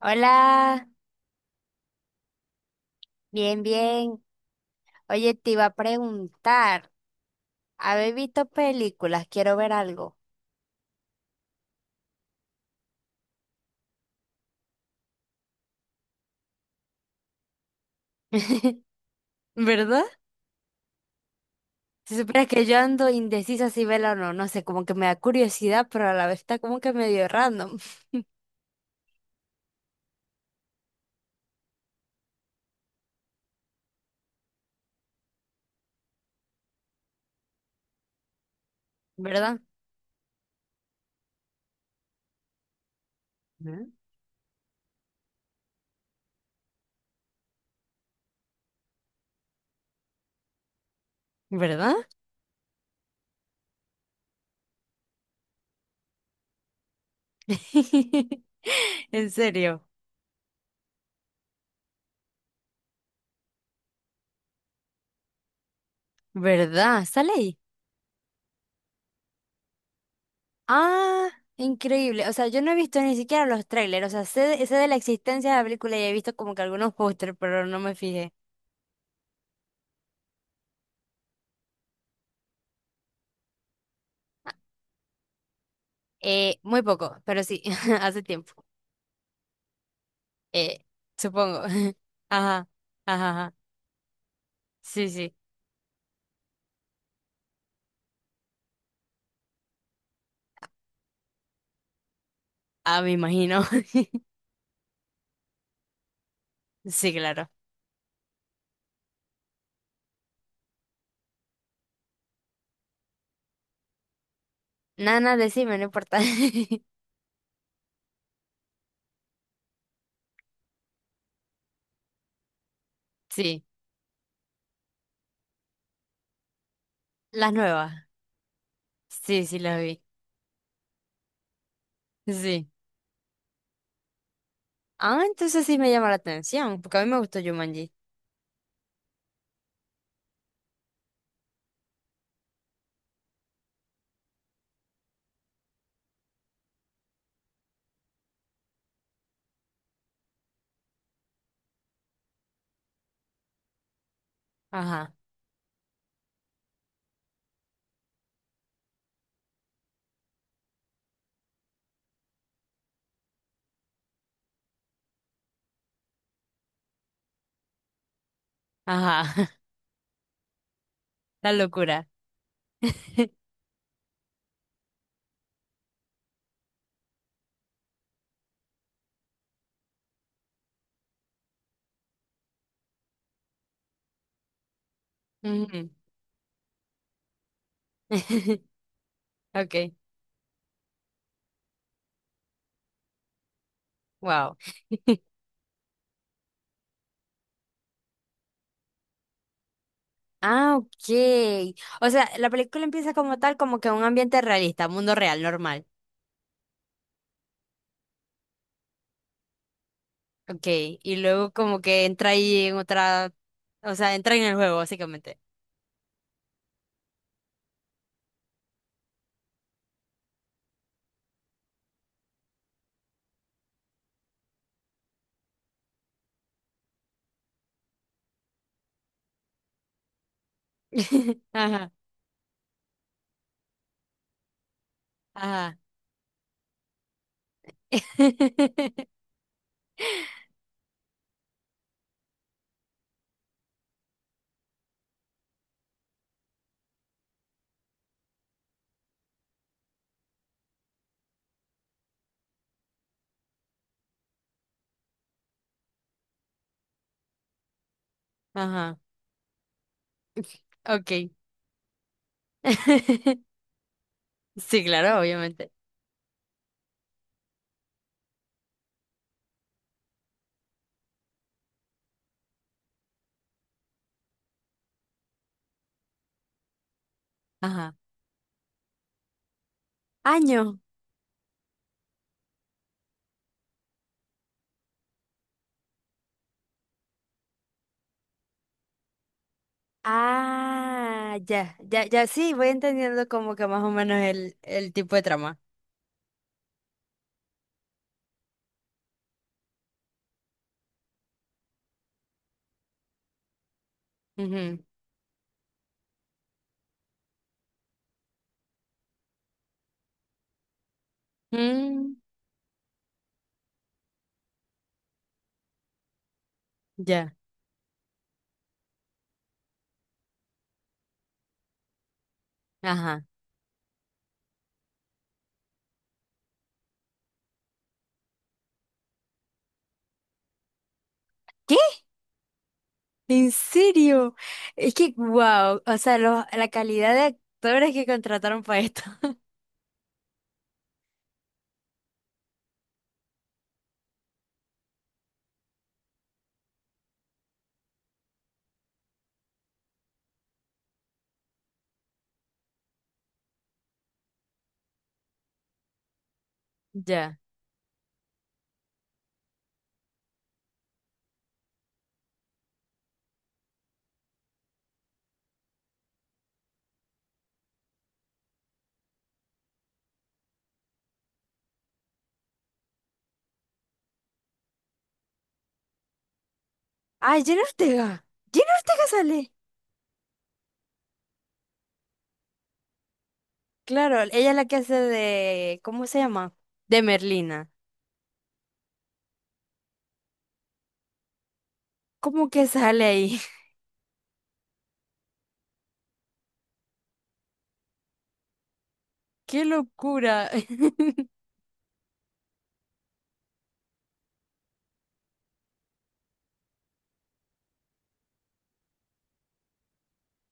Hola, bien, bien. Oye, te iba a preguntar, ¿habéis visto películas? Quiero ver algo. ¿Verdad? Si supieras que yo ando indecisa si verla o no, no sé, como que me da curiosidad, pero a la vez está como que medio random, ¿verdad? ¿Mm? ¿Verdad? En serio, ¿verdad? ¿Sale ahí? Ah, increíble. O sea, yo no he visto ni siquiera los trailers, o sea, sé de la existencia de la película y he visto como que algunos pósters, pero no me fijé. Muy poco, pero sí, hace tiempo. Eh, Supongo. Ajá, ajá, ajá. Sí, sí. Ah, me imagino. Sí, claro. Nana decime, no importa. Sí, las nuevas. Sí, sí, las vi. Sí. Ah, entonces sí me llama la atención, porque a mí me gustó Jumanji. Ajá, ajá. La locura. Ujú. Okay, wow. Ah, ok. O sea, la película empieza como tal, como que un ambiente realista, mundo real, normal. Ok, y luego como que entra ahí en otra, o sea, entra en el juego, básicamente. Ajá, ajá. Ajá, ok. Sí, claro, obviamente. Ajá. Año. Ah, ya, ya, ya, sí, voy entendiendo como que más o menos el tipo de trama. Ujú. Mm, ya, ajá. ¿Qué? ¿En serio? Es que, wow, o sea, lo- la calidad de actores que contrataron para esto. Ya. Ah, Jenna Ortega. Jenna Ortega sale. Claro, ella es la que hace de, ¿cómo se llama? De Merlina. ¿Cómo que sale ahí? ¡Qué locura!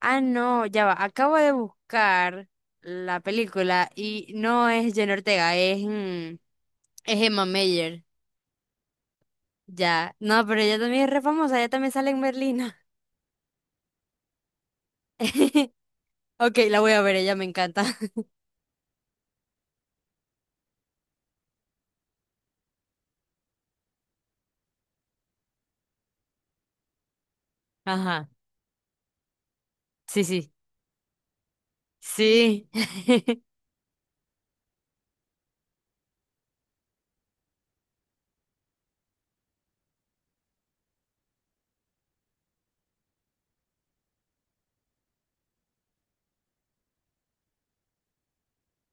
Ah, no, ya va. Acabo de buscar la película y no es Jenna Ortega, es, mm, es Emma Mayer. Ya. No, pero ella también es re famosa, ella también sale en Merlina. Ok, la voy a ver, ella me encanta. Ajá. Sí, sí. Sí.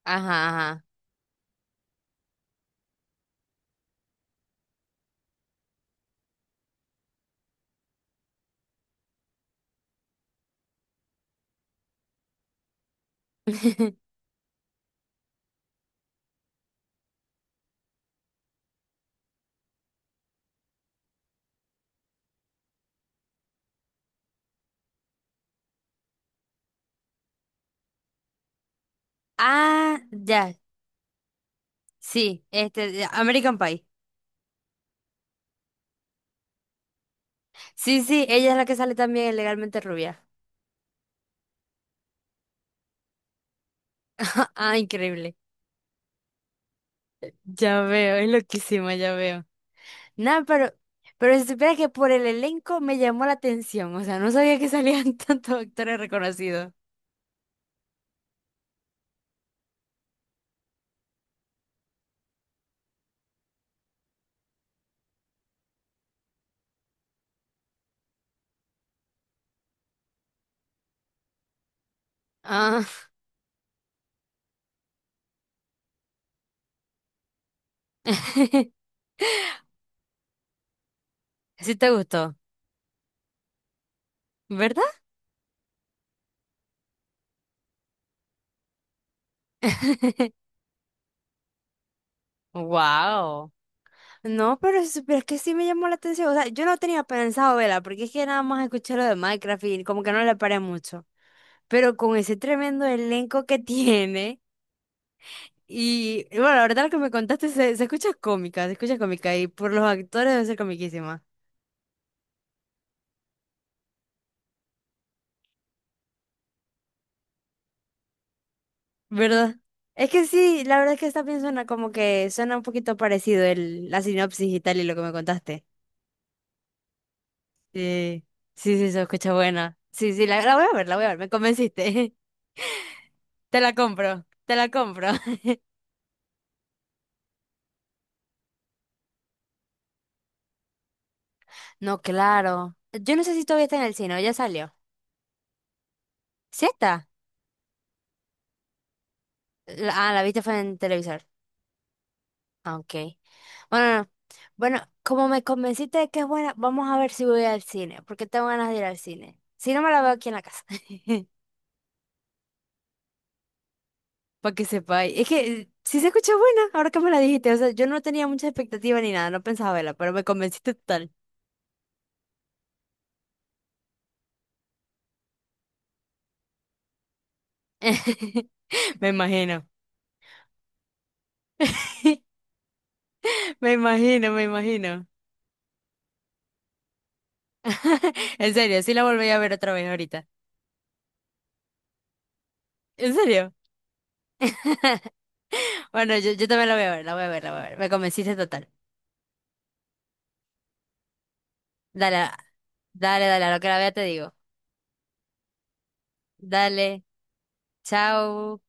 Ajá, ajá. Ah, ya. Sí, este, American Pie. Sí, sí, ella es la que sale también en Legalmente Rubia. Ah, increíble. Ya veo, es loquísima, ya veo. Nada, pero si supieras que por el elenco me llamó la atención, o sea, no sabía que salían tantos actores reconocidos. Ah, sí te gustó, ¿verdad? Wow. No, pero si supieras que sí me llamó la atención, o sea, yo no tenía pensado verla, porque es que nada más escuché lo de Minecraft y como que no le paré mucho. Pero con ese tremendo elenco que tiene. Y bueno, la verdad lo que me contaste se, se escucha cómica y por los actores debe ser comiquísima, ¿verdad? Es que sí, la verdad es que esta bien suena como que suena un poquito parecido el, la sinopsis y tal y lo que me contaste. Sí, sí, sí, se escucha buena. Sí, sí, la voy a ver, la voy a ver, me convenciste. Te la compro, te la compro. No, claro. Yo no sé si todavía está en el cine, ¿o ya salió? ¿Sí está? La- Ah, la viste fue en televisor. Ah, ok. Bueno, no. Bueno, como me convenciste de que es buena, vamos a ver si voy al cine, porque tengo ganas de ir al cine. Si no, me la veo aquí en la casa. Para que sepáis. Es que sí se escucha buena, ahora que me la dijiste. O sea, yo no tenía mucha expectativa ni nada, no pensaba verla, pero me convenciste total. Me imagino. Me imagino, me imagino. En serio, sí la volví a ver otra vez ahorita. ¿En serio? Bueno, yo también la voy a ver, la voy a ver, la voy a ver. Me convenciste total. Dale, dale, dale, a lo que la vea te digo. Dale. Chao.